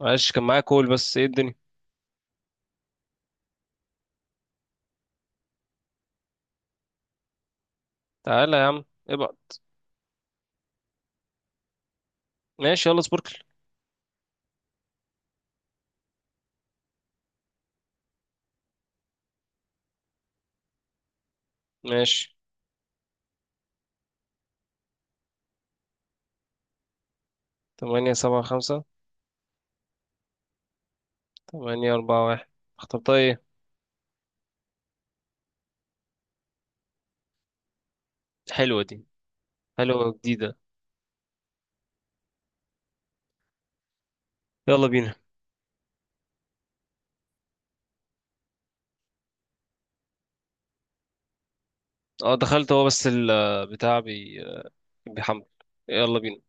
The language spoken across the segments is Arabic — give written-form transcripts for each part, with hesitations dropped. معلش، كان معايا كول، بس ايه الدنيا. تعالى يا عم ابعد. ماشي يلا سبوركل. ماشي. 8 7 5. 8 4 1. اخترتها ايه؟ حلوة دي. حلوة جديدة. يلا بينا. اه دخلت، هو بس البتاع بيحمل. يلا بينا.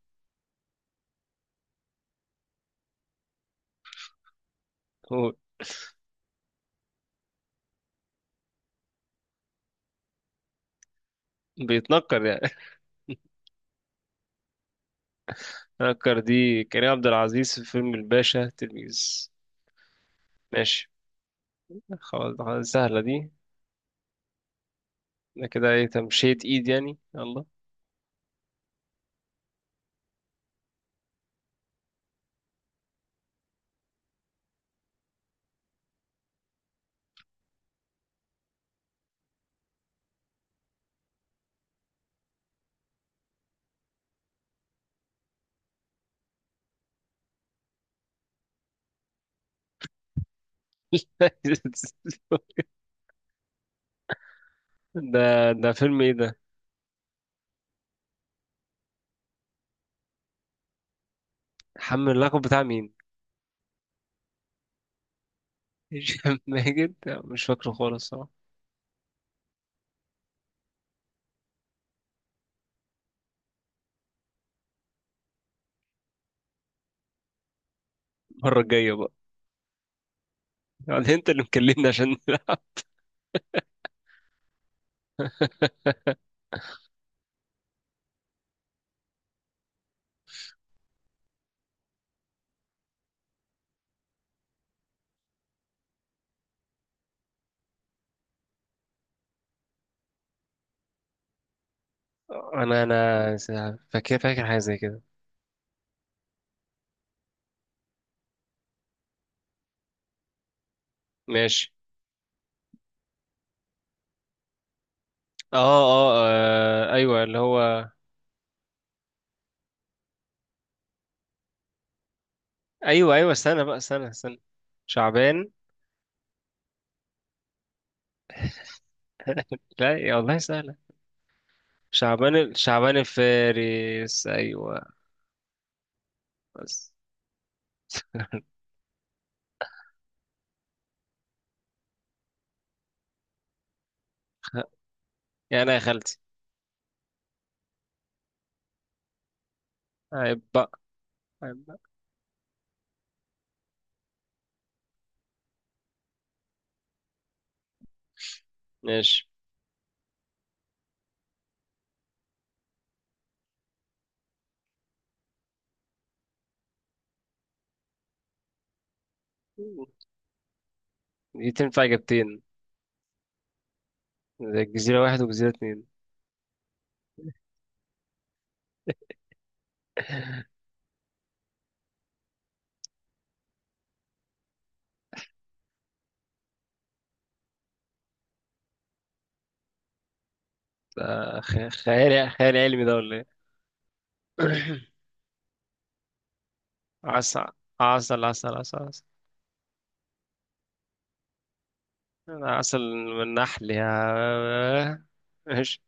هو بيتنكر يعني نكر دي كريم عبد العزيز في فيلم الباشا تلميذ. ماشي. خلاص خلاص، سهلة دي. ده كده ايه تمشية ايد يعني، يلا. ده ده فيلم ايه ده؟ حمل اللقب بتاع مين؟ هشام ماجد. مش فاكره خالص صراحة. المرة الجاية بقى. يعني انت اللي مكلمني عشان نلعب. انا فاكر فاكر حاجة زي كده. ماشي. اه اه آه، ايوه اللي هو. ايوه ايوه، استنى بقى استنى استنى. شعبان. لا يا والله سهلة. شعبان شعبان الفارس، ايوه. بس. خ- يعني يا خالتي. عيب بقى، عيب بقى. ماشي. دي تنفع اجابتين. ده جزيرة واحد وجزيرة اتنين. ده خيال خيال علمي، ده ولا ايه؟ عسل، عسل، عسل، عسل، عسل، عسل من النحل يا ماشي.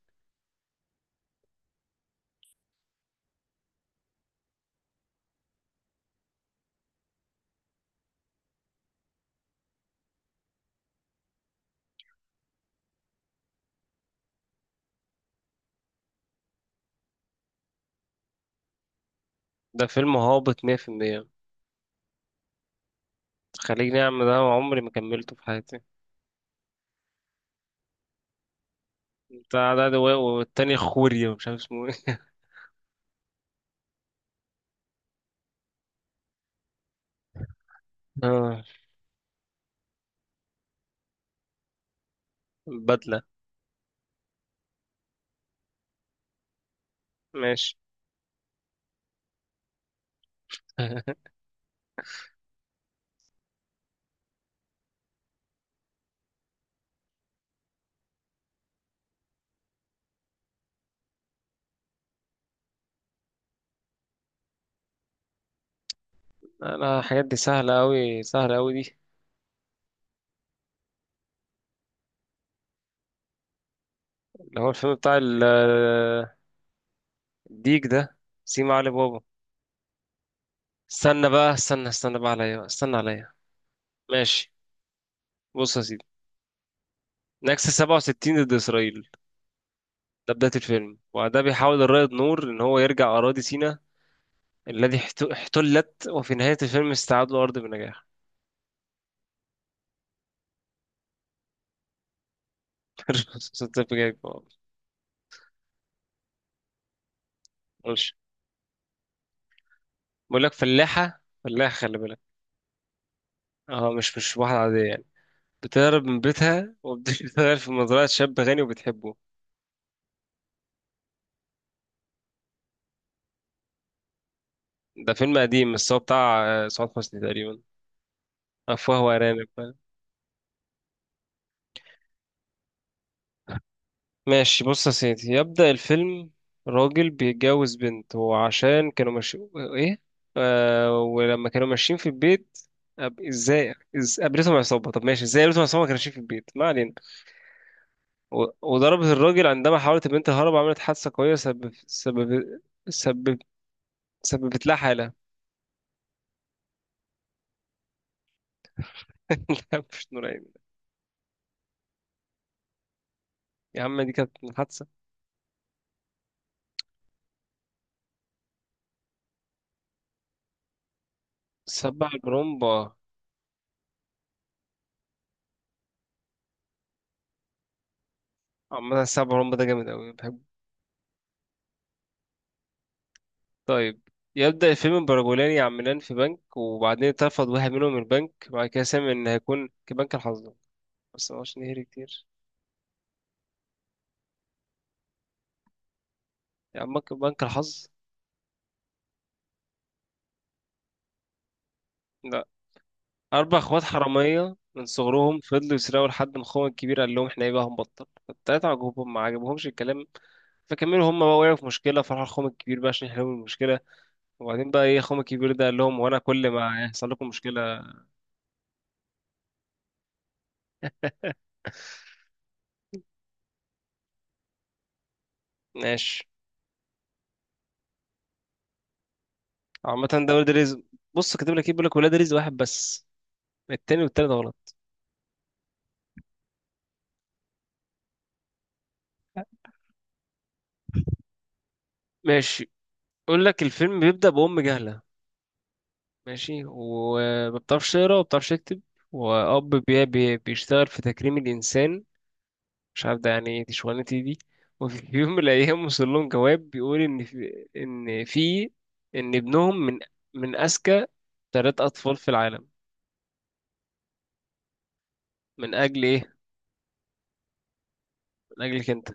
ده فيلم هابط 100%. خليج نعمة ده عمري ما كملته في حياتي. بتاع ده والتاني خوري ومش عارف اسمه ايه. آه، البدلة. ماشي. انا الحاجات دي سهلة أوي، سهلة أوي دي. اللي هو الفيلم بتاع الديك ده. سيما علي بابا. استنى بقى استنى استنى بقى عليا، استنى عليا. ماشي. بص يا سيدي، نكسة 67 ضد إسرائيل. ده بداية الفيلم، وده بيحاول الرائد نور إن هو يرجع أراضي سيناء الذي احتلت. وفي نهاية الفيلم استعاد الأرض بنجاح. صوت الفيلم جاي. ماشي. بقول لك فلاحة فلاحة، خلي بالك. اه، مش واحدة عادية يعني. بتهرب من بيتها وبتشتغل في مزرعة شاب غني وبتحبه. ده فيلم قديم بس هو بتاع سعاد حسني تقريبا. أفواه وأرانب. ماشي بص يا سيدي، يبدأ الفيلم. راجل بيتجوز بنت وعشان كانوا ماشيين، ايه ولما كانوا ماشيين في البيت، ازاي قابلتهم عصابة. طب ماشي، ازاي قابلتهم عصابة ما كانوا ماشيين في البيت، ما علينا. وضربت الراجل عندما حاولت البنت الهرب، عملت حادثة قوية، سبب سببت لها حالة. لا، مش نور عيني. يا عم دي كانت حادثة. سبع البرومبا. عامة سبع البرومبا ده جامد أوي بحبه. طيب، يبدأ الفيلم برجلان يعملان في بنك، وبعدين اترفض واحد منهم من البنك، وبعد كده سمع إن هيكون كبنك الحظ. بس هو عشان يهري كتير. يعني بنك الحظ. لا. أربع إخوات حرامية من صغرهم فضلوا يسرقوا لحد ما أخوهم الكبير قال لهم إحنا إيه بقى هنبطل، فالتلاتة عجبهم ما عجبهمش الكلام. فكملوا هم بقى، وقعوا في مشكلة فراحوا لأخوهم الكبير بقى عشان يحلوا المشكلة. وبعدين بقى إيه أخوهم الكبير ده قال لهم وأنا كل ما يحصل لكم مشكلة. ماشي. عامة ده ولاد رزق. بص كاتب لك إيه؟ بيقول لك ولاد رزق واحد بس، التاني والتالت غلط. ماشي. يقول لك الفيلم بيبدأ بأم جهلة، ماشي، وما بتعرفش تقرا وما بتعرفش تكتب. وأب بي بي بيشتغل في تكريم الإنسان، مش عارف ده يعني ايه، دي شغلانتي دي. وفي يوم من الأيام وصل لهم جواب بيقول إن في إن ابنهم من أذكى ثلاث أطفال في العالم. من أجل إيه؟ من أجلك أنت.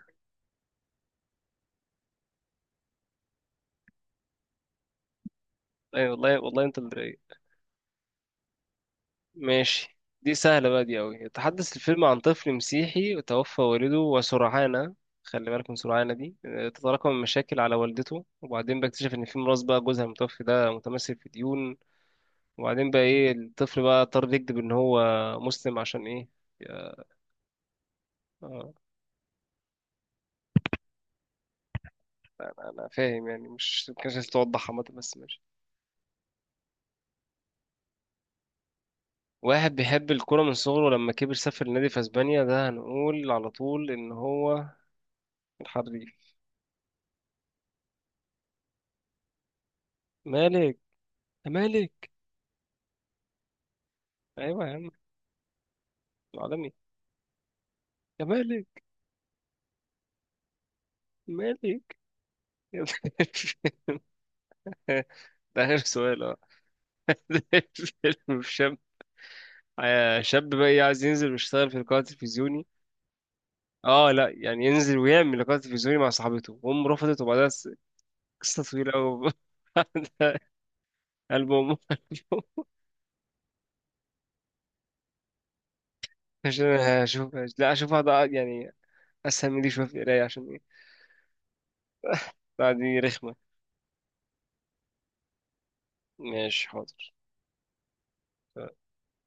أي والله، والله أنت اللي رايق. ماشي دي سهلة بقى، دي أوي. يتحدث الفيلم عن طفل مسيحي توفى والده وسرعانة، خلي بالك من سرعانة دي، تتراكم المشاكل على والدته، وبعدين بيكتشف إن في ميراث بقى جوزها المتوفي ده متمثل في ديون. وبعدين بقى إيه، الطفل بقى اضطر يكذب إن هو مسلم، عشان إيه. آه، أنا فاهم يعني، مش مكانش عايز توضح، عامة بس ماشي. واحد بيحب الكورة من صغره، ولما كبر سافر لنادي في أسبانيا، ده هنقول على طول إن هو الحريف. مالك، يا مالك. أيوة يا عم. العالمي. يا مالك. مالك، يا مالك. ده آخر سؤال فيلم شاب. شاب بقى إيه، عايز ينزل ويشتغل في لقاء تلفزيوني. اه لا، يعني ينزل ويعمل لقاء تلفزيوني مع صاحبته وام رفضت، وبعدها قصة طويلة أوي. قلب أمه. عشان هشوف، لا أشوف واحدة يعني أسهل من دي شوية في القراية عشان إيه. لا، دي رخمة. ماشي حاضر.